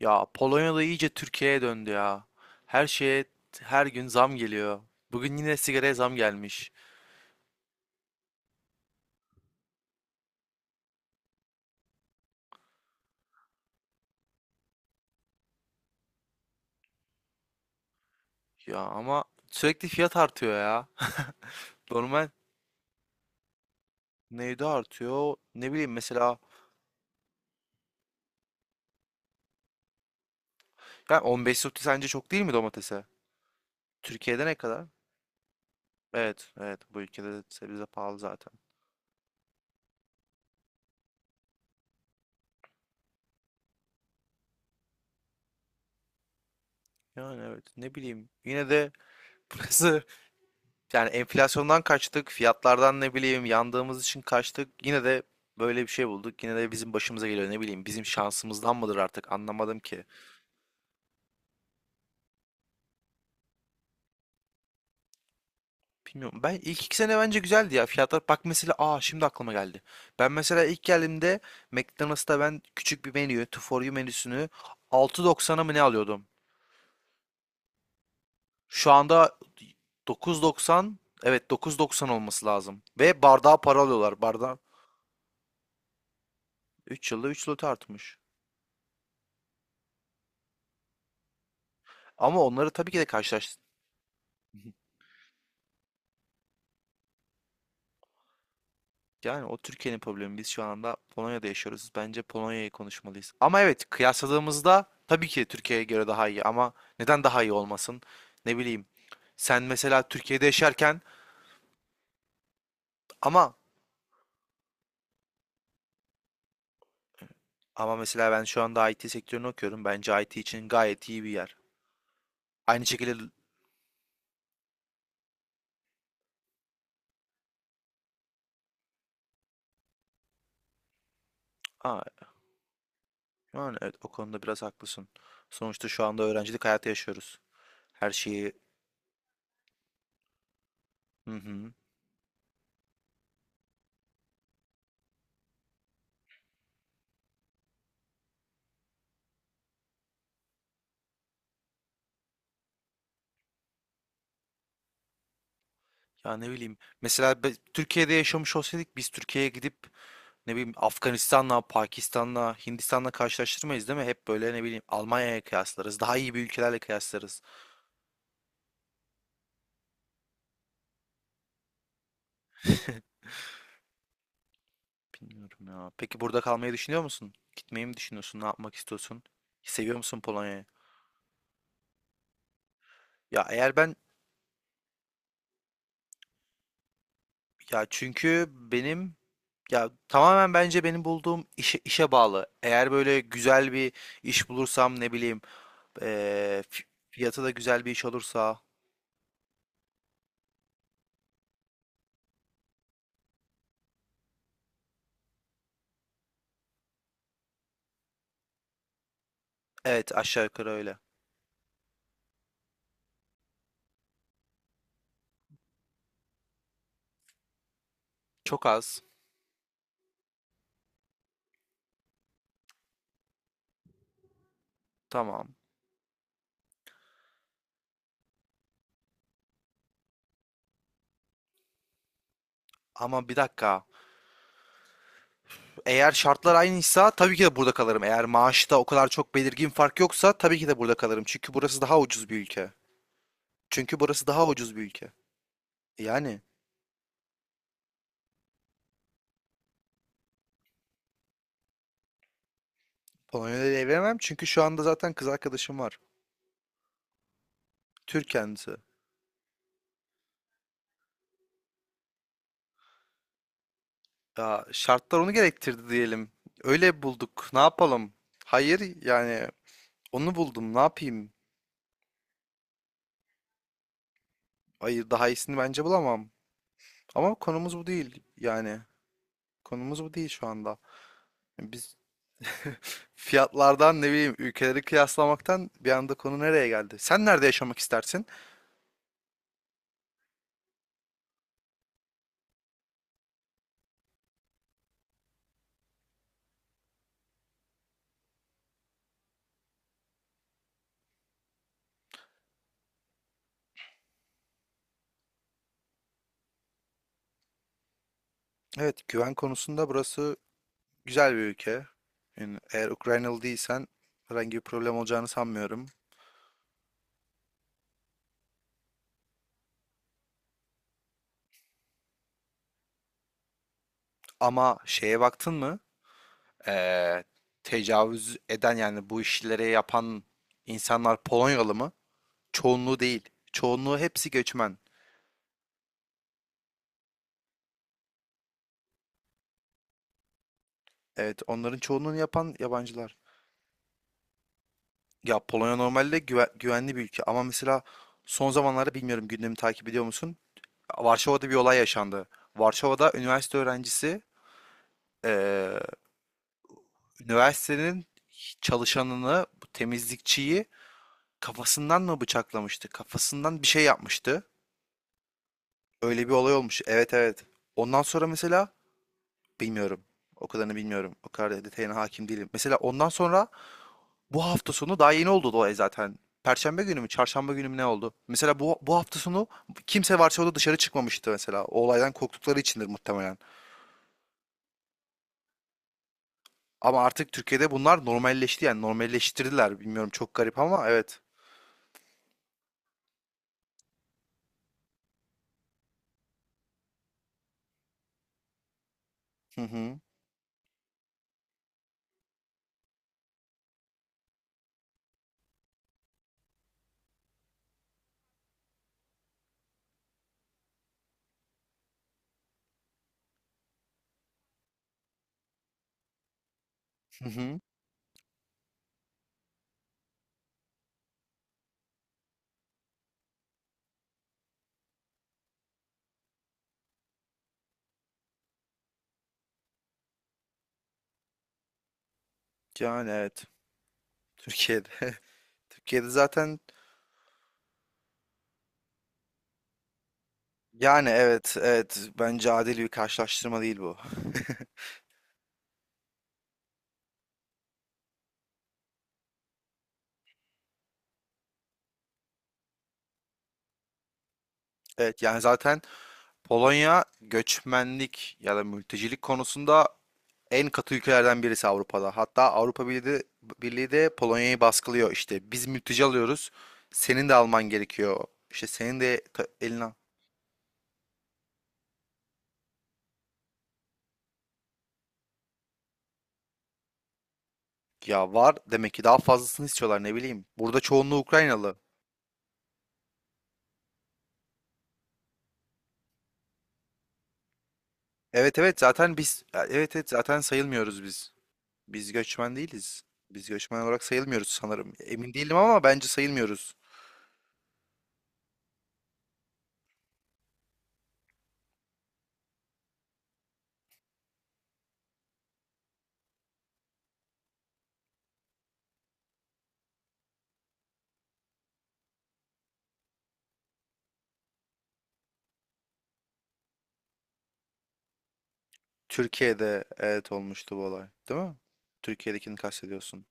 Ya Polonya'da iyice Türkiye'ye döndü ya. Her şeye her gün zam geliyor. Bugün yine sigaraya zam gelmiş. Ya ama sürekli fiyat artıyor ya. Normal neydi artıyor? Ne bileyim, mesela yani 15 zloty sence çok değil mi domatese? Türkiye'de ne kadar? Evet, evet, bu ülkede de sebze pahalı zaten. Yani evet, ne bileyim. Yine de burası. Yani enflasyondan kaçtık, fiyatlardan ne bileyim yandığımız için kaçtık. Yine de böyle bir şey bulduk. Yine de bizim başımıza geliyor, ne bileyim. Bizim şansımızdan mıdır artık, anlamadım ki. Bilmiyorum. Ben ilk 2 sene bence güzeldi ya. Fiyatlar, bak mesela, aa şimdi aklıma geldi. Ben mesela ilk geldiğimde McDonald's'ta ben küçük bir menü, two for you menüsünü 6.90'a mı ne alıyordum? Şu anda 9.90. Evet, 9.90 olması lazım. Ve bardağa para alıyorlar. Bardağı. 3 yılda 3 lot artmış. Ama onları tabii ki de karşılaştı. Yani o Türkiye'nin problemi. Biz şu anda Polonya'da yaşıyoruz. Bence Polonya'yı konuşmalıyız. Ama evet, kıyasladığımızda tabii ki Türkiye'ye göre daha iyi ama neden daha iyi olmasın? Ne bileyim. Sen mesela Türkiye'de yaşarken, ama ama mesela ben şu anda IT sektörünü okuyorum. Bence IT için gayet iyi bir yer. Aynı şekilde. Aa, yani evet, o konuda biraz haklısın. Sonuçta şu anda öğrencilik hayatı yaşıyoruz. Her şeyi. Hı hı. Ya ne bileyim. Mesela Türkiye'de yaşamış olsaydık biz Türkiye'ye gidip ne bileyim Afganistan'la, Pakistan'la, Hindistan'la karşılaştırmayız değil mi? Hep böyle ne bileyim Almanya'ya kıyaslarız. Daha iyi bir ülkelerle kıyaslarız. Bilmiyorum ya. Peki burada kalmayı düşünüyor musun? Gitmeyi mi düşünüyorsun? Ne yapmak istiyorsun? Seviyor musun Polonya'yı? Ya eğer ben, ya çünkü benim, ya tamamen bence benim bulduğum işe bağlı. Eğer böyle güzel bir iş bulursam ne bileyim, eee, fi- fiyatı da güzel bir iş olursa. Evet, aşağı yukarı öyle. Çok az. Tamam. Ama bir dakika. Eğer şartlar aynıysa tabii ki de burada kalırım. Eğer maaşta o kadar çok belirgin fark yoksa tabii ki de burada kalırım. Çünkü burası daha ucuz bir ülke. Çünkü burası daha ucuz bir ülke. Yani Polonya'da evlenemem çünkü şu anda zaten kız arkadaşım var. Türk kendisi. Ya şartlar onu gerektirdi diyelim. Öyle bulduk. Ne yapalım? Hayır, yani onu buldum. Ne yapayım? Hayır, daha iyisini bence bulamam. Ama konumuz bu değil yani. Konumuz bu değil şu anda. Biz. Fiyatlardan ne bileyim ülkeleri kıyaslamaktan bir anda konu nereye geldi? Sen nerede yaşamak istersin? Evet, güven konusunda burası güzel bir ülke. Yani eğer Ukraynalı değilsen herhangi bir problem olacağını sanmıyorum. Ama şeye baktın mı? Ee, tecavüz eden yani bu işleri yapan insanlar Polonyalı mı? Çoğunluğu değil. Çoğunluğu hepsi göçmen. Evet, onların çoğunluğunu yapan yabancılar. Ya Polonya normalde güvenli bir ülke ama mesela son zamanlarda bilmiyorum, gündemi takip ediyor musun? Varşova'da bir olay yaşandı. Varşova'da üniversite öğrencisi eee, üniversitenin çalışanını, bu temizlikçiyi kafasından mı bıçaklamıştı? Kafasından bir şey yapmıştı. Öyle bir olay olmuş. Evet, evet. Ondan sonra mesela bilmiyorum. O kadarını bilmiyorum. O kadar detayına hakim değilim. Mesela ondan sonra bu hafta sonu daha yeni oldu da zaten. Perşembe günü mü, çarşamba günü mü ne oldu? Mesela bu hafta sonu kimse Varşova'da dışarı çıkmamıştı mesela. O olaydan korktukları içindir muhtemelen. Ama artık Türkiye'de bunlar normalleşti, yani normalleştirdiler. Bilmiyorum, çok garip ama evet. Hı hı. Hı hı. Yani evet. Türkiye'de. Türkiye'de zaten yani evet, evet bence adil bir karşılaştırma değil bu. Evet, yani zaten Polonya göçmenlik ya da mültecilik konusunda en katı ülkelerden birisi Avrupa'da. Hatta Avrupa Birliği de Polonya'yı baskılıyor. İşte biz mülteci alıyoruz. Senin de alman gerekiyor. İşte senin de eline. Ya, var demek ki daha fazlasını istiyorlar, ne bileyim. Burada çoğunluğu Ukraynalı. Evet, evet zaten biz, evet, evet zaten sayılmıyoruz biz. Biz göçmen değiliz. Biz göçmen olarak sayılmıyoruz sanırım. Emin değilim ama bence sayılmıyoruz. Türkiye'de evet, olmuştu bu olay, değil mi? Türkiye'dekini kastediyorsun.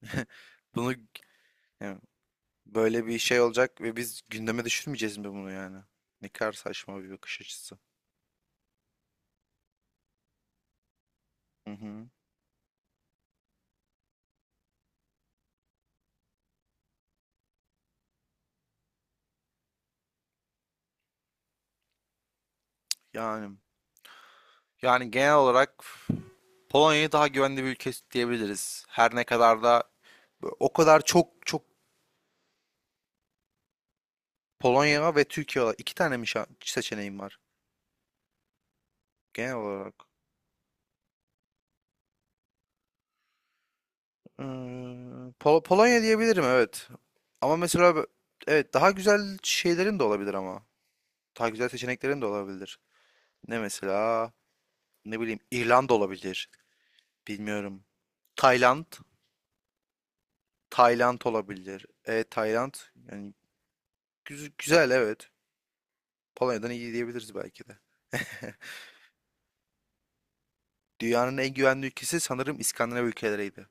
Bunu evet. Böyle bir şey olacak ve biz gündeme düşürmeyeceğiz mi bunu yani? Ne kadar saçma bir bakış açısı. Hı hı. Yani yani genel olarak Polonya'yı daha güvenli bir ülke diyebiliriz. Her ne kadar da o kadar çok çok, Polonya ve Türkiye olarak iki tane mi seçeneğim var, genel olarak. Ee, Polonya diyebilirim evet. Ama mesela evet, daha güzel şeylerin de olabilir ama. Daha güzel seçeneklerin de olabilir. Ne mesela? Ne bileyim, İrlanda olabilir. Bilmiyorum. Tayland. Tayland olabilir. Tayland. Yani güzel, evet. Polonya'dan iyi diyebiliriz belki de. Dünyanın en güvenli ülkesi sanırım İskandinav ülkeleriydi.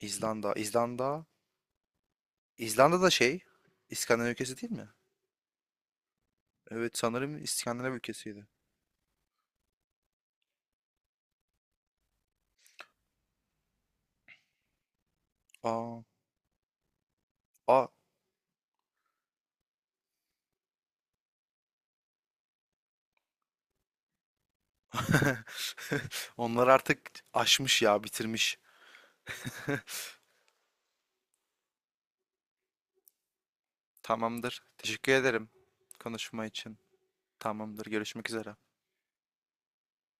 İzlanda. İzlanda. İzlanda da şey. İskandinav ülkesi değil mi? Evet, sanırım İskandinav ülkesiydi. Aa. Aa. Onlar artık aşmış ya, bitirmiş. Tamamdır. Teşekkür ederim konuşma için. Tamamdır. Görüşmek üzere.